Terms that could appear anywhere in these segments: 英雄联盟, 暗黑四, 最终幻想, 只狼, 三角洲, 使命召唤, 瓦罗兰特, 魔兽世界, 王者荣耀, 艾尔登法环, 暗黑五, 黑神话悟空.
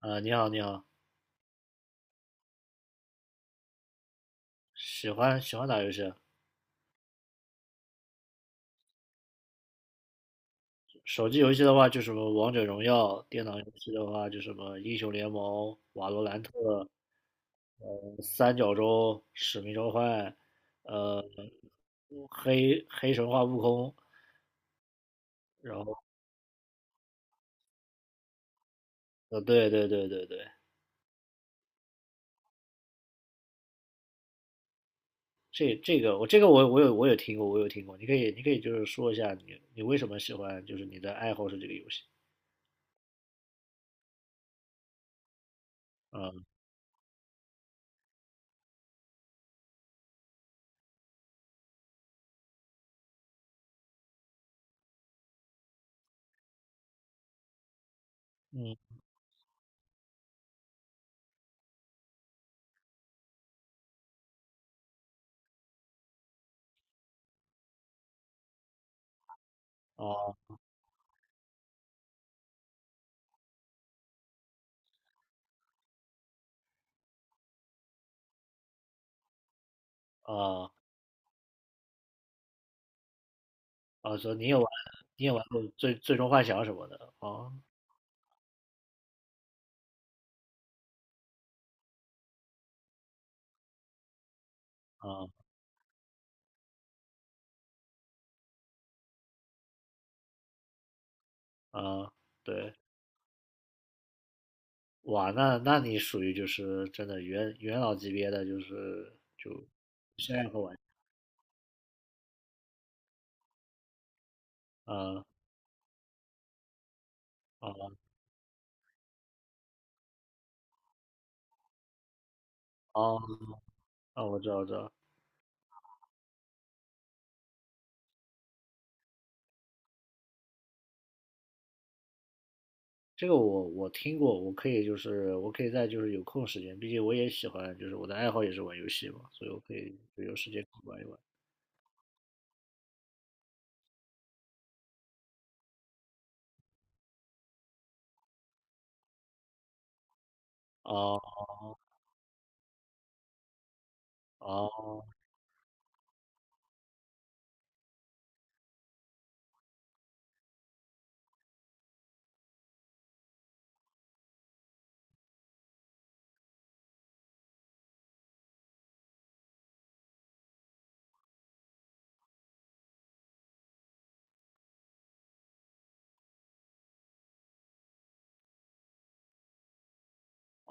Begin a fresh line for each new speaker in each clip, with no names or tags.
你好，你好。喜欢打游戏啊。手机游戏的话，就什么王者荣耀；电脑游戏的话，就什么英雄联盟、瓦罗兰特、三角洲、使命召唤，呃，黑神话悟空，然后对对对对对。这这个我这个我我有我有听过，我有听过。你可以就是说一下你为什么喜欢，就是你的爱好是这个游戏。嗯。嗯。哦。哦。啊，说你也玩，你也玩过最终幻想什么的，啊。啊啊。对。哇，那那你属于就是真的元老级别的，就是深爱和玩。啊。啊。哦。啊，我知道，我知道。这个我我听过，我可以就是我可以在就是有空时间，毕竟我也喜欢，就是我的爱好也是玩游戏嘛，所以我可以就有时间可以玩一玩。哦哦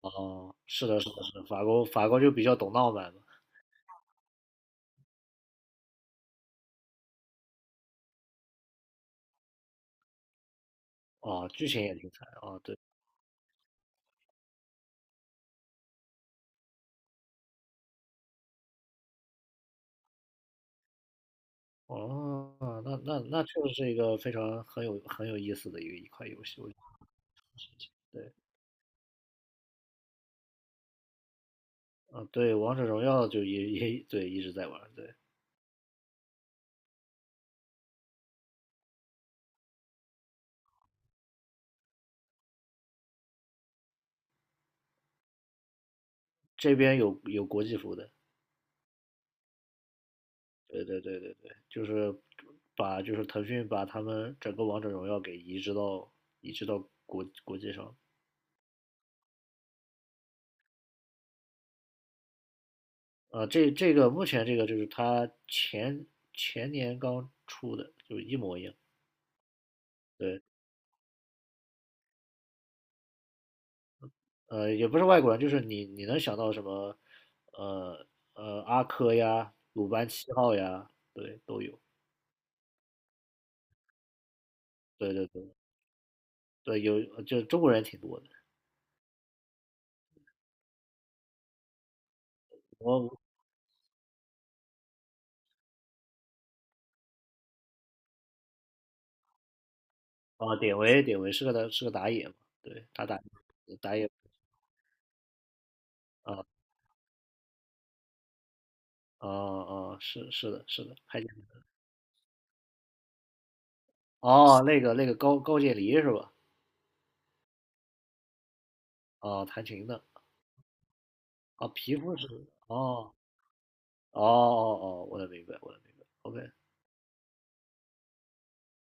哦，是的，是的，是的，法国法国就比较懂浪漫嘛。啊，剧情也挺惨，啊，对。哦，那那那确实是一个非常很有很有意思的一个一款游戏，我觉得。对。嗯，对，王者荣耀就也也对一直在玩，对。这边有有国际服的。对对对对对，就是把就是腾讯把他们整个王者荣耀给移植到国国际上。啊、这这个目前这个就是它前年刚出的，就一模一样。对。呃，也不是外国人，就是你你能想到什么，呃呃，阿珂呀，鲁班七号呀。对，都有。对对对对，有，就中国人挺多的。我，啊，典韦是个打，是个打野嘛，对，他打打野。啊。啊。啊，是是的是的，还，哦，那个那个高渐离是吧？啊，弹琴的。啊，皮肤是。哦哦哦哦，我能明白我能明白，OK。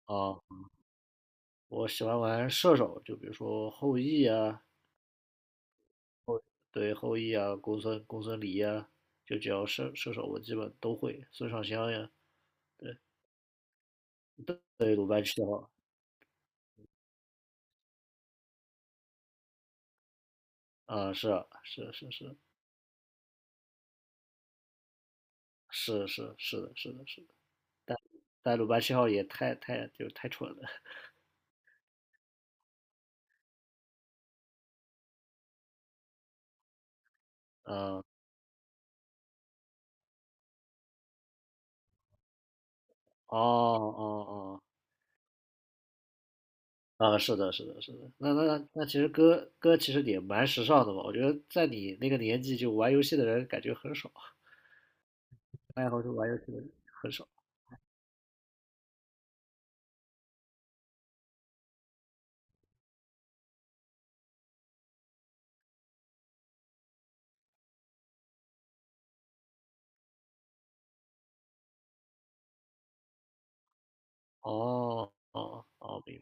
哦，我喜欢玩射手，就比如说后羿啊。对，后羿啊、公孙离啊，就只要射射手我基本都会，孙尚香呀，对对，鲁班七号。啊，是啊，是是是，是是是的是的是的，但鲁班七号也太就是太蠢了。哦哦哦。啊，是的，是的，是的。那那那，那其实哥哥其实也蛮时尚的嘛。我觉得在你那个年纪，就玩游戏的人感觉很少，爱好就玩游戏的人很少。哦哦哦，明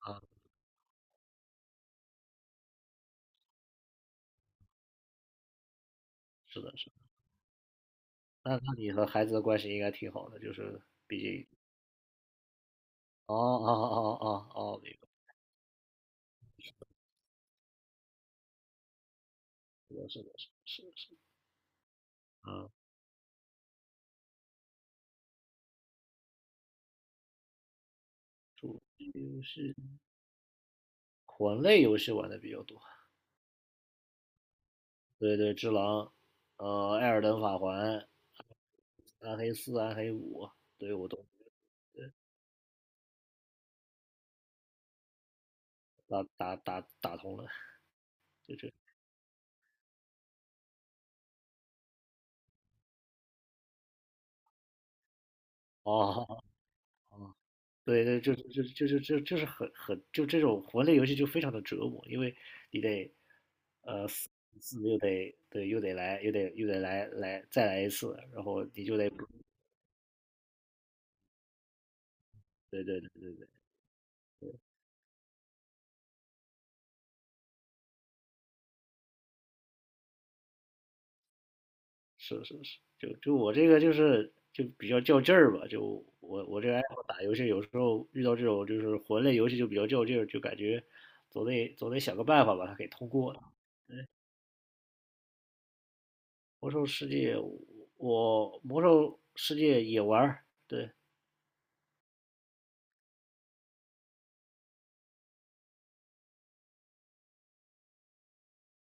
白。啊，是的，是的。那那你和孩子的关系应该挺好的，就是。哦哦哦哦哦，明白。是的，是的，是的，是的，啊。主机游戏，魂类游戏玩的比较多。对对，只狼，艾尔登法环，暗黑四、暗黑五，对，我都打通了，就这。哦。哦哦。对对，就就就就就就是很很就这种魂类游戏就非常的折磨，因为你得，死，死又得对又得来又得又得来再来一次，然后你就得对。对对对，是是是，就就我这个就是就比较较劲儿吧，就我我这个爱好打游戏，有时候遇到这种就是魂类游戏就比较较劲儿，就感觉总得想个办法把它给通过。魔兽世界。我魔兽世界也玩儿，对。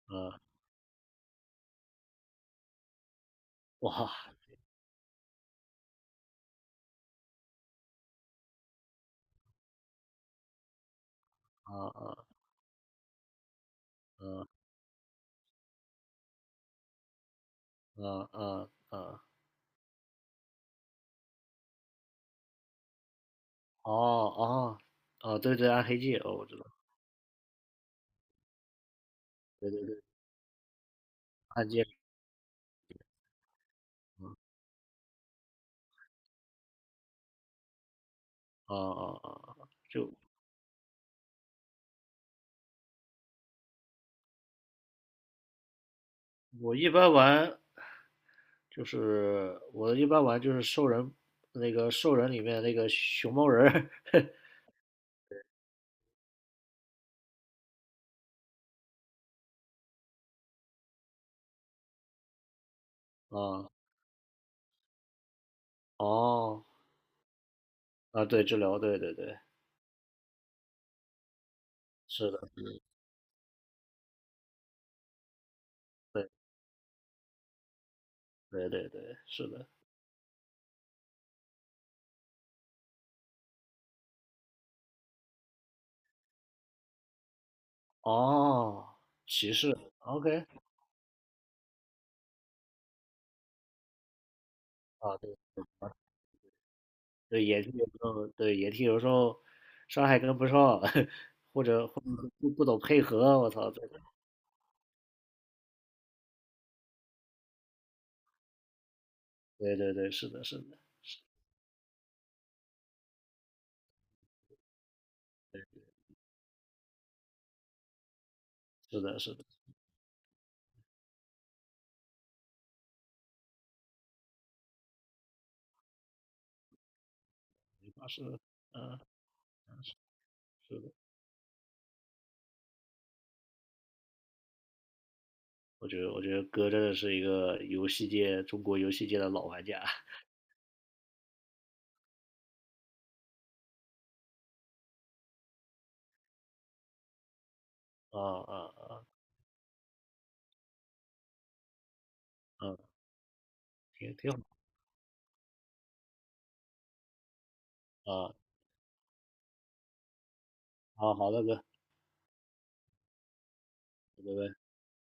嗯。哇。啊啊啊啊啊啊。哦哦哦，对对，暗黑界，哦，我知道。对对对，暗界。嗯。啊啊啊，啊就我一般玩我一般玩就是兽人，那个兽人里面那个熊猫人儿。 啊。哦。啊，对，治疗，对对对，是的。对对对对，是的。哦，骑士，OK。啊，对对，野地有时候，对，野地有时候伤害跟不上。不不懂配合，我操，对。对对对，是的，是的，是的，是的，这把是的，是的。我觉得我觉得哥真的是一个游戏界，中国游戏界的老玩家。啊啊啊。啊！挺挺好。啊，好好的哥，拜拜。